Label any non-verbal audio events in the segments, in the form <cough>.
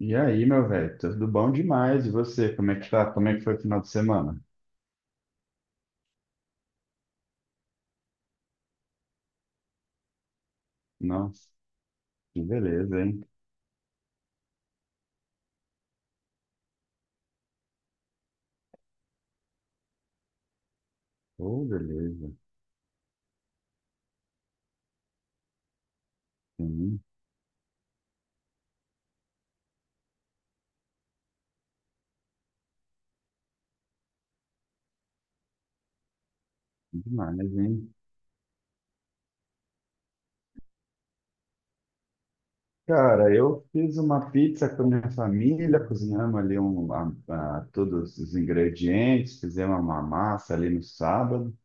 E aí, meu velho, tudo bom demais. E você, como é que tá? Como é que foi o final de semana? Nossa, que beleza, hein? Oh, beleza. Sim, demais, hein? Cara, eu fiz uma pizza com a minha família, cozinhamos ali todos os ingredientes, fizemos uma massa ali no sábado,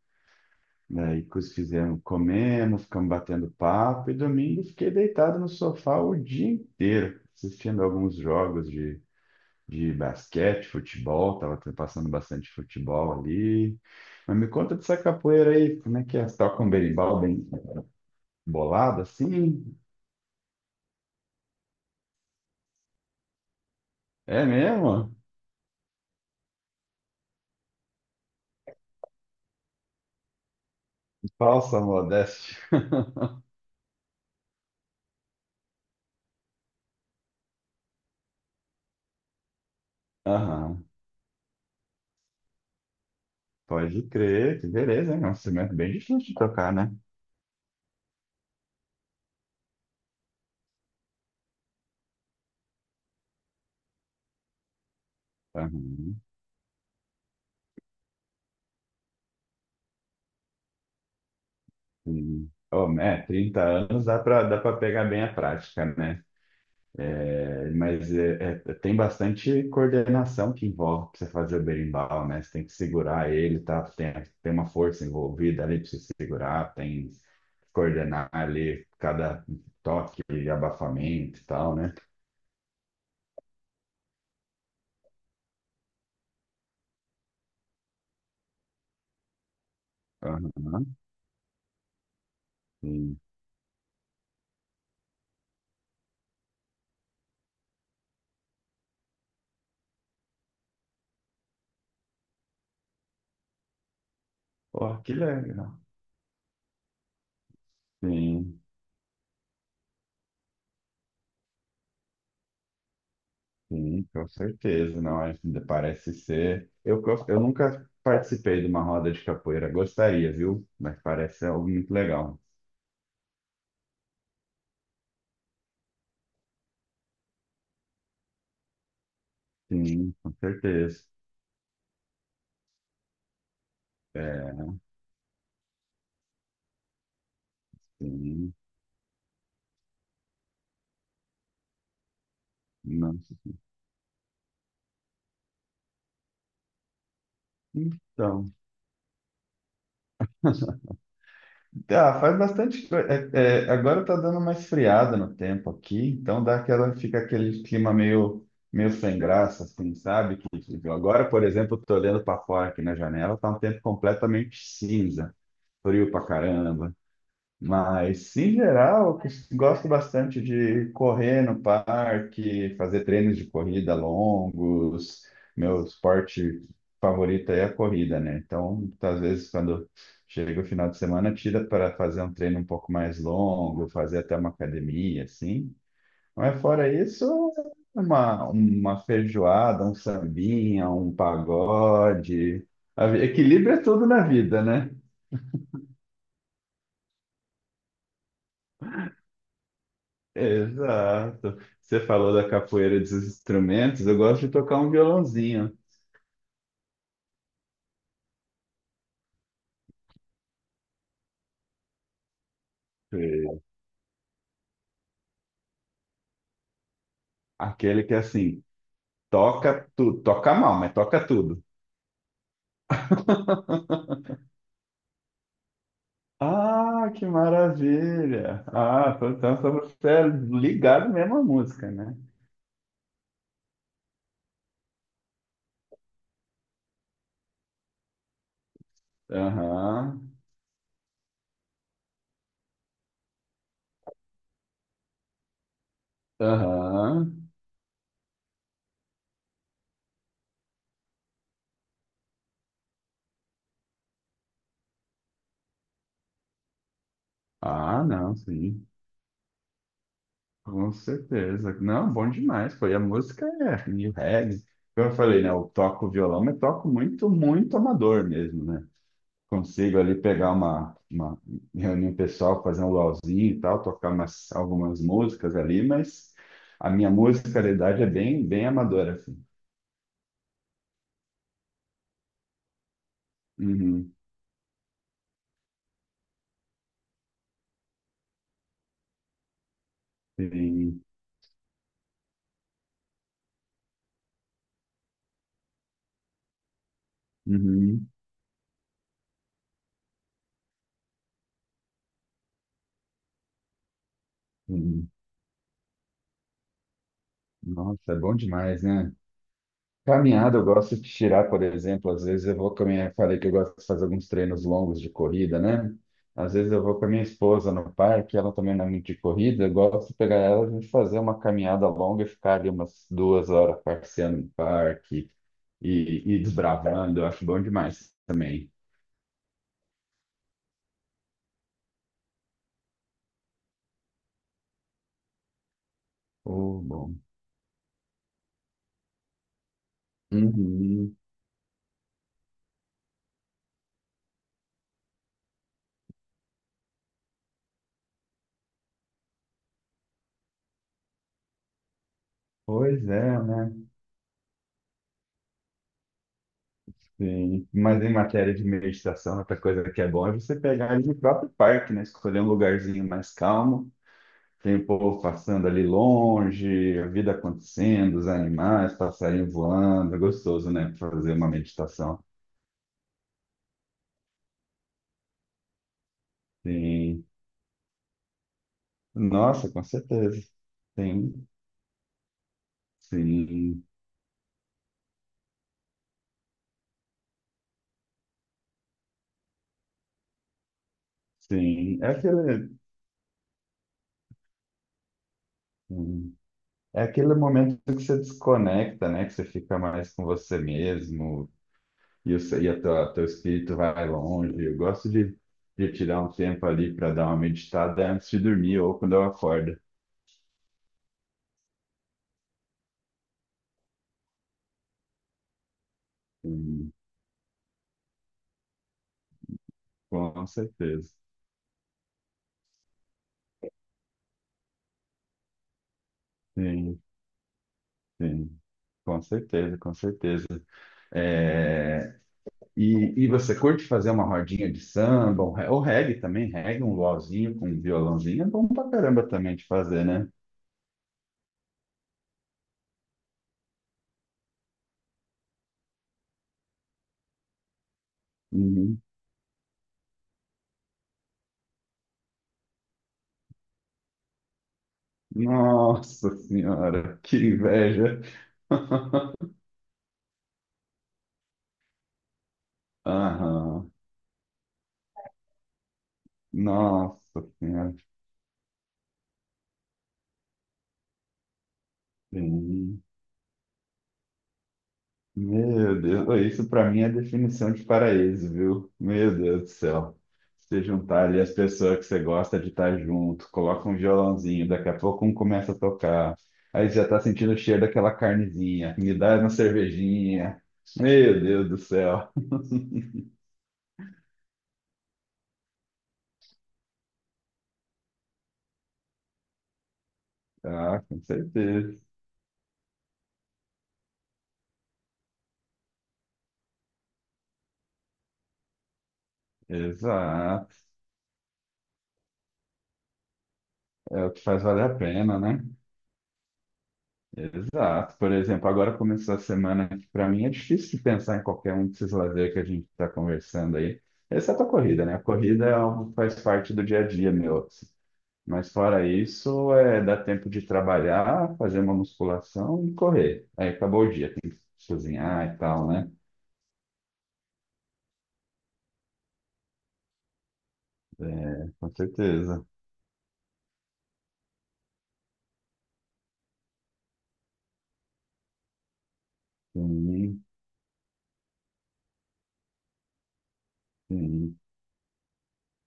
daí fizemos, comemos, ficamos batendo papo, e domingo fiquei deitado no sofá o dia inteiro, assistindo alguns jogos de basquete, futebol, tava passando bastante futebol ali. Mas me conta dessa capoeira aí, como é que é? Você toca um berimbau bem bolado assim? É mesmo? Falsa modéstia. Aham, pode crer, que beleza, hein? É um instrumento bem difícil de tocar, né? Aham, sim. Oh, é, 30 anos dá pra pegar bem a prática, né? É, mas tem bastante coordenação que envolve para você fazer o berimbau, né? Você tem que segurar ele, tá? Tem uma força envolvida ali para você segurar, tem que coordenar ali cada toque e abafamento e tal, né? Aham, sim. Pô, que legal. Sim, sim, com certeza. Não, parece ser. Eu nunca participei de uma roda de capoeira, gostaria, viu? Mas parece algo muito legal. Sim, com certeza. É, sim, não. Então, ah, faz bastante. Agora tá dando uma esfriada no tempo aqui, então dá aquela, fica aquele clima meio sem graça, assim, sabe? Agora, por exemplo, eu tô olhando para fora aqui na janela, tá um tempo completamente cinza, frio pra caramba. Mas, em geral, eu gosto bastante de correr no parque, fazer treinos de corrida longos. Meu esporte favorito é a corrida, né? Então, às vezes, quando chega o final de semana, tira para fazer um treino um pouco mais longo, fazer até uma academia, assim. Mas, fora isso, uma feijoada, um sambinha, um pagode. Equilíbrio é tudo na vida, né? Exato. Você falou da capoeira dos instrumentos, eu gosto de tocar um violãozinho. É. Aquele que assim, toca tudo, toca mal, mas toca tudo. <laughs> Ah, que maravilha! Ah, então só você é ligado mesmo à música, né? Aham, aham. Ah, não, sim, com certeza. Não, bom demais, foi. A música é e reggae. Como eu falei, né? Eu toco violão, mas toco muito, muito amador mesmo, né? Consigo ali pegar uma reunião pessoal, fazer um luauzinho e tal, tocar algumas músicas ali, mas a minha musicalidade é bem, bem amadora, assim. Uhum, sim, uhum, sim. Nossa, é bom demais, né? Caminhada, eu gosto de tirar, por exemplo, às vezes eu vou falei que eu gosto de fazer alguns treinos longos de corrida, né? Às vezes eu vou com a minha esposa no parque, ela também não é muito de corrida, eu gosto de pegar ela e a gente fazer uma caminhada longa e ficar ali umas 2 horas passeando no parque e desbravando, eu acho bom demais também. Oh, bom. Uhum. Pois é, né? Sim. Mas em matéria de meditação, outra coisa que é bom é você pegar ali no próprio parque, né? Escolher um lugarzinho mais calmo. Tem o povo passando ali longe, a vida acontecendo, os animais, passarinho voando, é gostoso, né? Fazer uma meditação. Sim. Nossa, com certeza. Sim, sim, sim. Hum, é aquele momento que você desconecta, né? Que você fica mais com você mesmo e teu espírito vai longe. Eu gosto de tirar um tempo ali para dar uma meditada antes de dormir ou quando eu acordo. Sim, com certeza. Sim. Sim, com certeza, com certeza. É, e você curte fazer uma rodinha de samba, um ou reggae também, um luauzinho com um violãozinho, é bom pra caramba também de fazer, né? Uhum. Nossa senhora, que inveja! <laughs> Aham, nossa senhora, sim. Meu Deus, isso para mim é definição de paraíso, viu? Meu Deus do céu. Se juntar ali as pessoas que você gosta de estar junto, coloca um violãozinho, daqui a pouco um começa a tocar, aí já tá sentindo o cheiro daquela carnezinha, me dá uma cervejinha. Meu Deus do céu. <laughs> Ah, com certeza. Exato. É o que faz valer a pena, né? Exato. Por exemplo, agora começou a semana que para mim é difícil de pensar em qualquer um desses lazer que a gente está conversando aí, exceto a corrida, né? A corrida é algo que faz parte do dia a dia meu, assim. Mas fora isso, é dar tempo de trabalhar, fazer uma musculação e correr. Aí acabou o dia, tem que cozinhar e tal, né? É, com certeza. Sim, sim.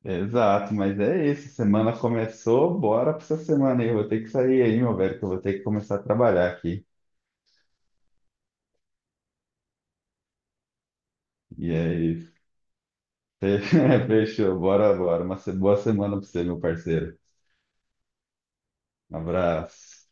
Exato, mas é isso. Semana começou, bora pra essa semana aí. Eu vou ter que sair aí, meu velho, que eu vou ter que começar a trabalhar aqui. E é Fe- <laughs> Fechou, bora, bora. Uma se- boa semana pra você, meu parceiro. Um abraço.